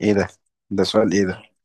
ايه ده سؤال ايه ده؟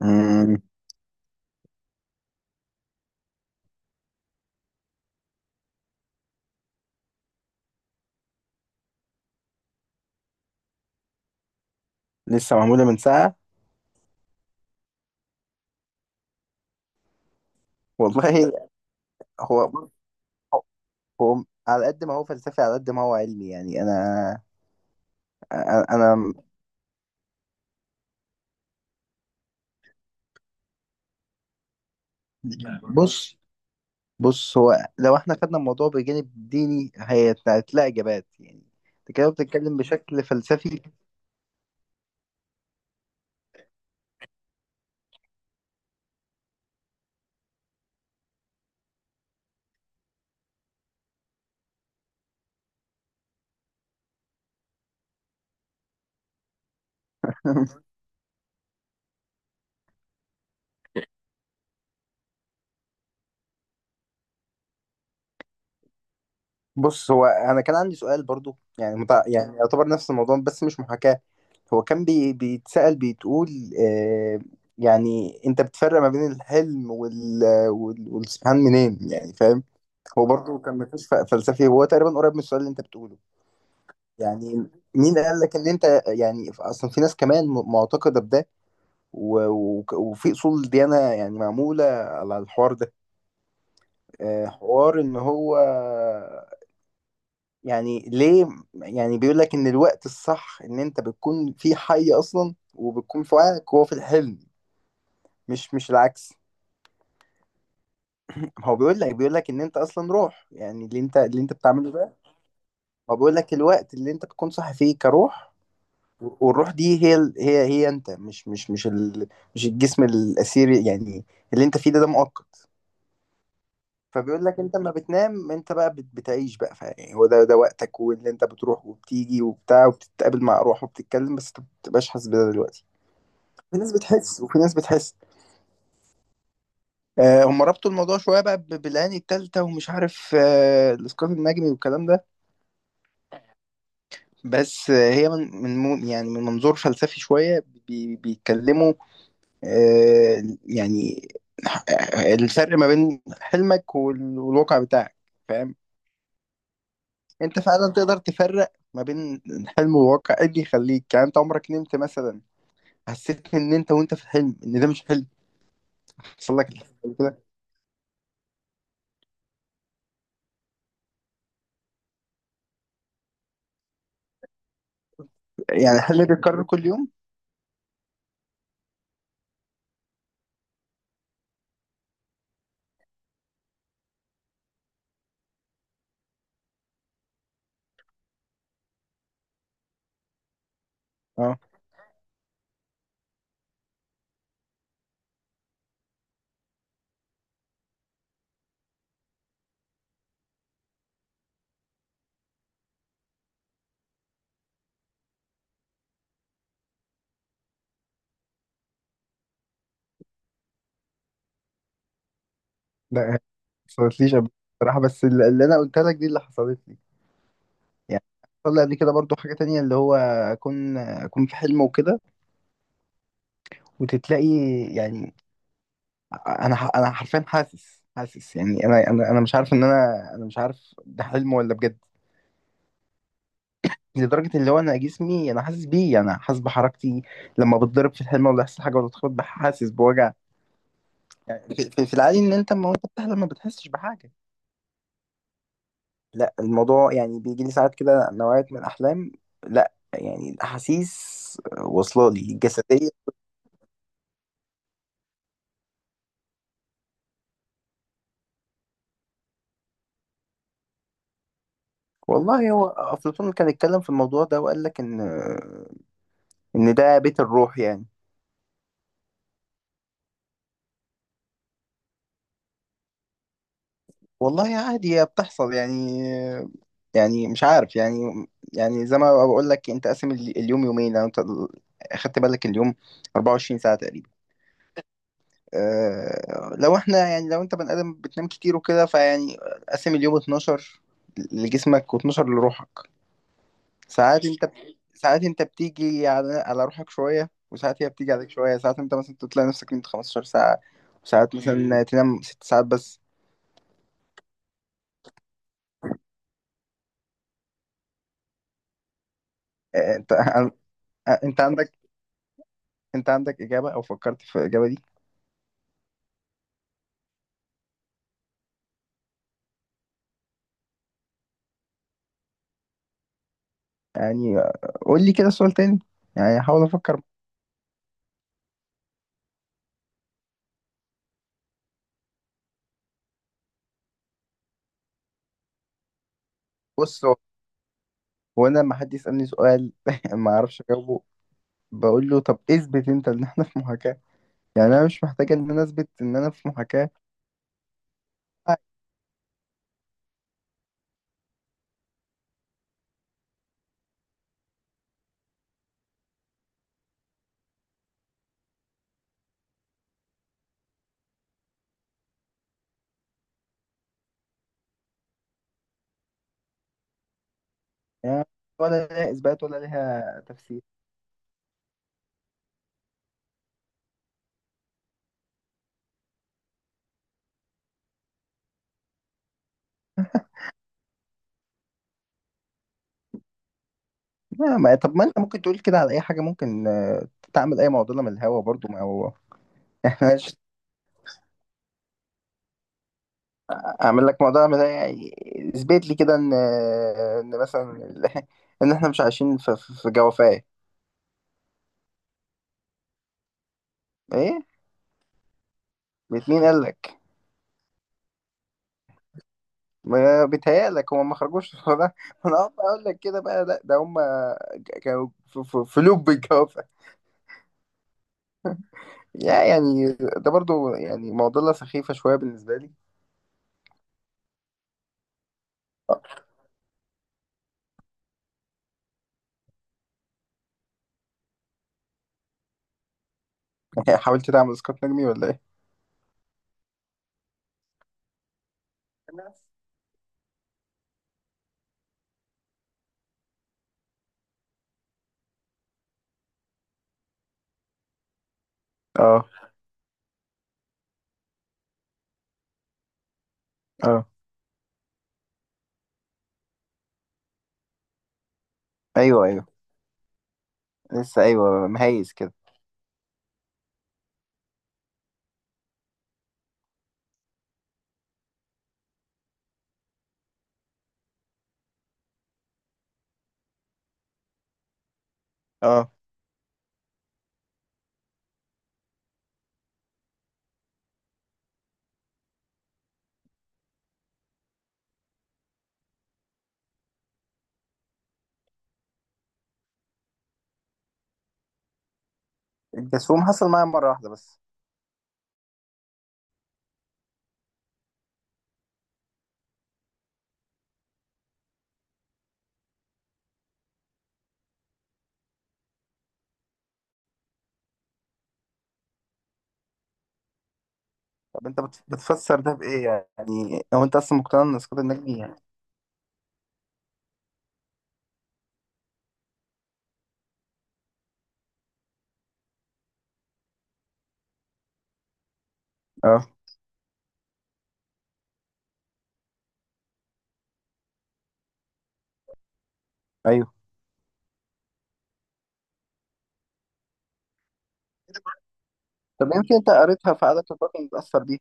مم. لسه معمولة من ساعة. والله، هو هو على قد ما هو فلسفي على قد ما هو علمي. يعني انا انا أنا- بص بص هو لو احنا خدنا الموضوع بجانب ديني هتلاقي اجابات، يعني انت كده بتتكلم بشكل فلسفي. بص، هو انا كان عندي سؤال برضو، يعني يعني يعتبر نفس الموضوع بس مش محاكاة. هو كان بيتسأل، بتقول آه، يعني انت بتفرق ما بين الحلم والسبحان منين، يعني فاهم؟ هو برضو كان نقاش فلسفي، هو تقريبا قريب من السؤال اللي انت بتقوله. يعني، مين قال لك ان انت، يعني اصلا في ناس كمان معتقده بده وفي اصول ديانه، يعني معموله على الحوار ده. حوار ان هو، يعني ليه، يعني بيقول لك ان الوقت الصح ان انت بتكون في حي اصلا وبتكون في وعيك وهو في الحلم، مش العكس. هو بيقول لك، بيقول لك ان انت اصلا روح، يعني اللي انت بتعمله ده. هو بيقول لك الوقت اللي انت بتكون صاحي فيه كروح، والروح دي هي ال- هي هي انت، مش الجسم الاثيري، يعني اللي انت فيه ده ده مؤقت. فبيقول لك انت لما بتنام انت بقى بتعيش بقى، فيعني هو ده ده وقتك، واللي انت بتروح وبتيجي وبتاع وبتتقابل مع ارواح وبتتكلم، بس انت ما بتبقاش حاسس بده دلوقتي. في ناس بتحس وفي ناس بتحس. آه، هم ربطوا الموضوع شويه بقى بالعين التالتة ومش عارف، الاسقاط النجمي والكلام ده. بس هي يعني من منظور فلسفي شويه بيتكلموا. يعني الفرق ما بين حلمك والواقع بتاعك، فاهم؟ انت فعلا تقدر تفرق ما بين الحلم والواقع؟ ايه اللي يخليك، يعني انت عمرك نمت مثلا، حسيت ان انت وانت في الحلم ان ده مش حلم؟ حصل لك؟ يعني الحلم بيتكرر كل يوم؟ اه. لا يعني، ما حصلتليش قبل كده بصراحة. بس اللي أنا قلت لك دي اللي حصلت لي. يعني حصل لي قبل كده برضو حاجة تانية، اللي هو أكون في حلم وكده وتتلاقي. يعني أنا أنا حرفيا حاسس، يعني أنا مش عارف إن أنا مش عارف ده حلم ولا بجد، لدرجة اللي هو أنا جسمي أنا حاسس بيه. يعني أنا حاسس بحركتي لما بتضرب في الحلم ولا يحصل حاجة ولا تخبط، حاسس بوجع. يعني في العادي إن أنت لما أنت بتحلم ما بتحسش بحاجة. لا، الموضوع يعني بيجي لي ساعات كده نوعية من الأحلام. لا يعني، الأحاسيس واصلة لي الجسدية. والله هو أفلاطون كان اتكلم في الموضوع ده وقال لك إن إن ده بيت الروح يعني. والله عادي هي بتحصل يعني، يعني مش عارف يعني، يعني زي ما بقول لك، أنت قاسم اليوم يومين. لو أنت أخدت بالك، اليوم 24 ساعة تقريبا. أه لو احنا، يعني لو انت بني ادم بتنام كتير وكده، فيعني قسم اليوم 12 لجسمك و12 لروحك. ساعات انت ساعات انت بتيجي على على روحك شويه وساعات هي بتيجي عليك شويه. ساعات انت مثلا تلاقي نفسك نمت 15 ساعه، وساعات مثلا تنام ست ساعات بس. اه، انت انت عندك انت عندك اجابه او فكرت في الاجابه دي؟ يعني قول لي كده سؤال تاني، يعني احاول افكر. بص، هو انا لما حد يسالني سؤال ما اعرفش اجاوبه، بقول له طب اثبت انت ان احنا في محاكاه. يعني انا مش محتاج ان انا اثبت ان انا في محاكاه. يعني ولا ليها اثبات ولا ليها تفسير. لا، ما طب ما انت ممكن تقول كده على اي حاجه. ممكن تعمل اي معضله من الهوا برضو، ما هو. احنا مش- اعمل لك معضله من الهوا يعني. اثبت لي كده ان مثلا ان احنا مش عايشين في جوافه. ايه؟ بيت مين قال لك؟ ما بيتهيألك هم ما خرجوش من ده. ما انا أقف اقول لك كده بقى، لا ده هم كانوا في لوب الجوافه، يا يعني. ده برضو يعني معضله سخيفه شويه بالنسبه لي. حاولت تعمل اسقاط نجمي ولا ايه؟ اه اه. ايوه ايوه، لسه، ايوه، مهيز كده. اه. الجاسوم حصل معايا مرة واحدة بس. طب انت بتفسر ده بإيه؟ يعني هو انت اصلا مقتنع ان اسقاط النجم يعني؟ اه ايوه. طب يمكن انت قريتها في عادات الباطن متأثر بيه؟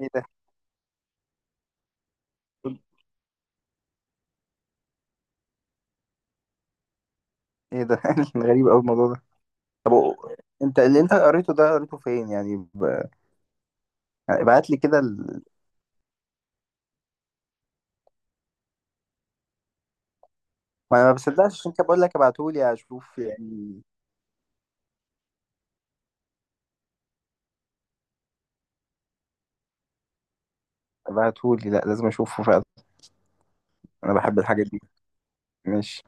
ايه ده؟ ايه ده؟ غريب قوي الموضوع ده. طب انت اللي انت قريته ده قريته فين؟ يعني يعني ابعت لي كده ما انا ما بصدقش، عشان كده بقول لك ابعته لي اشوف يعني. ابعته لي، لا لازم اشوفه فعلا. انا بحب الحاجات دي. ماشي.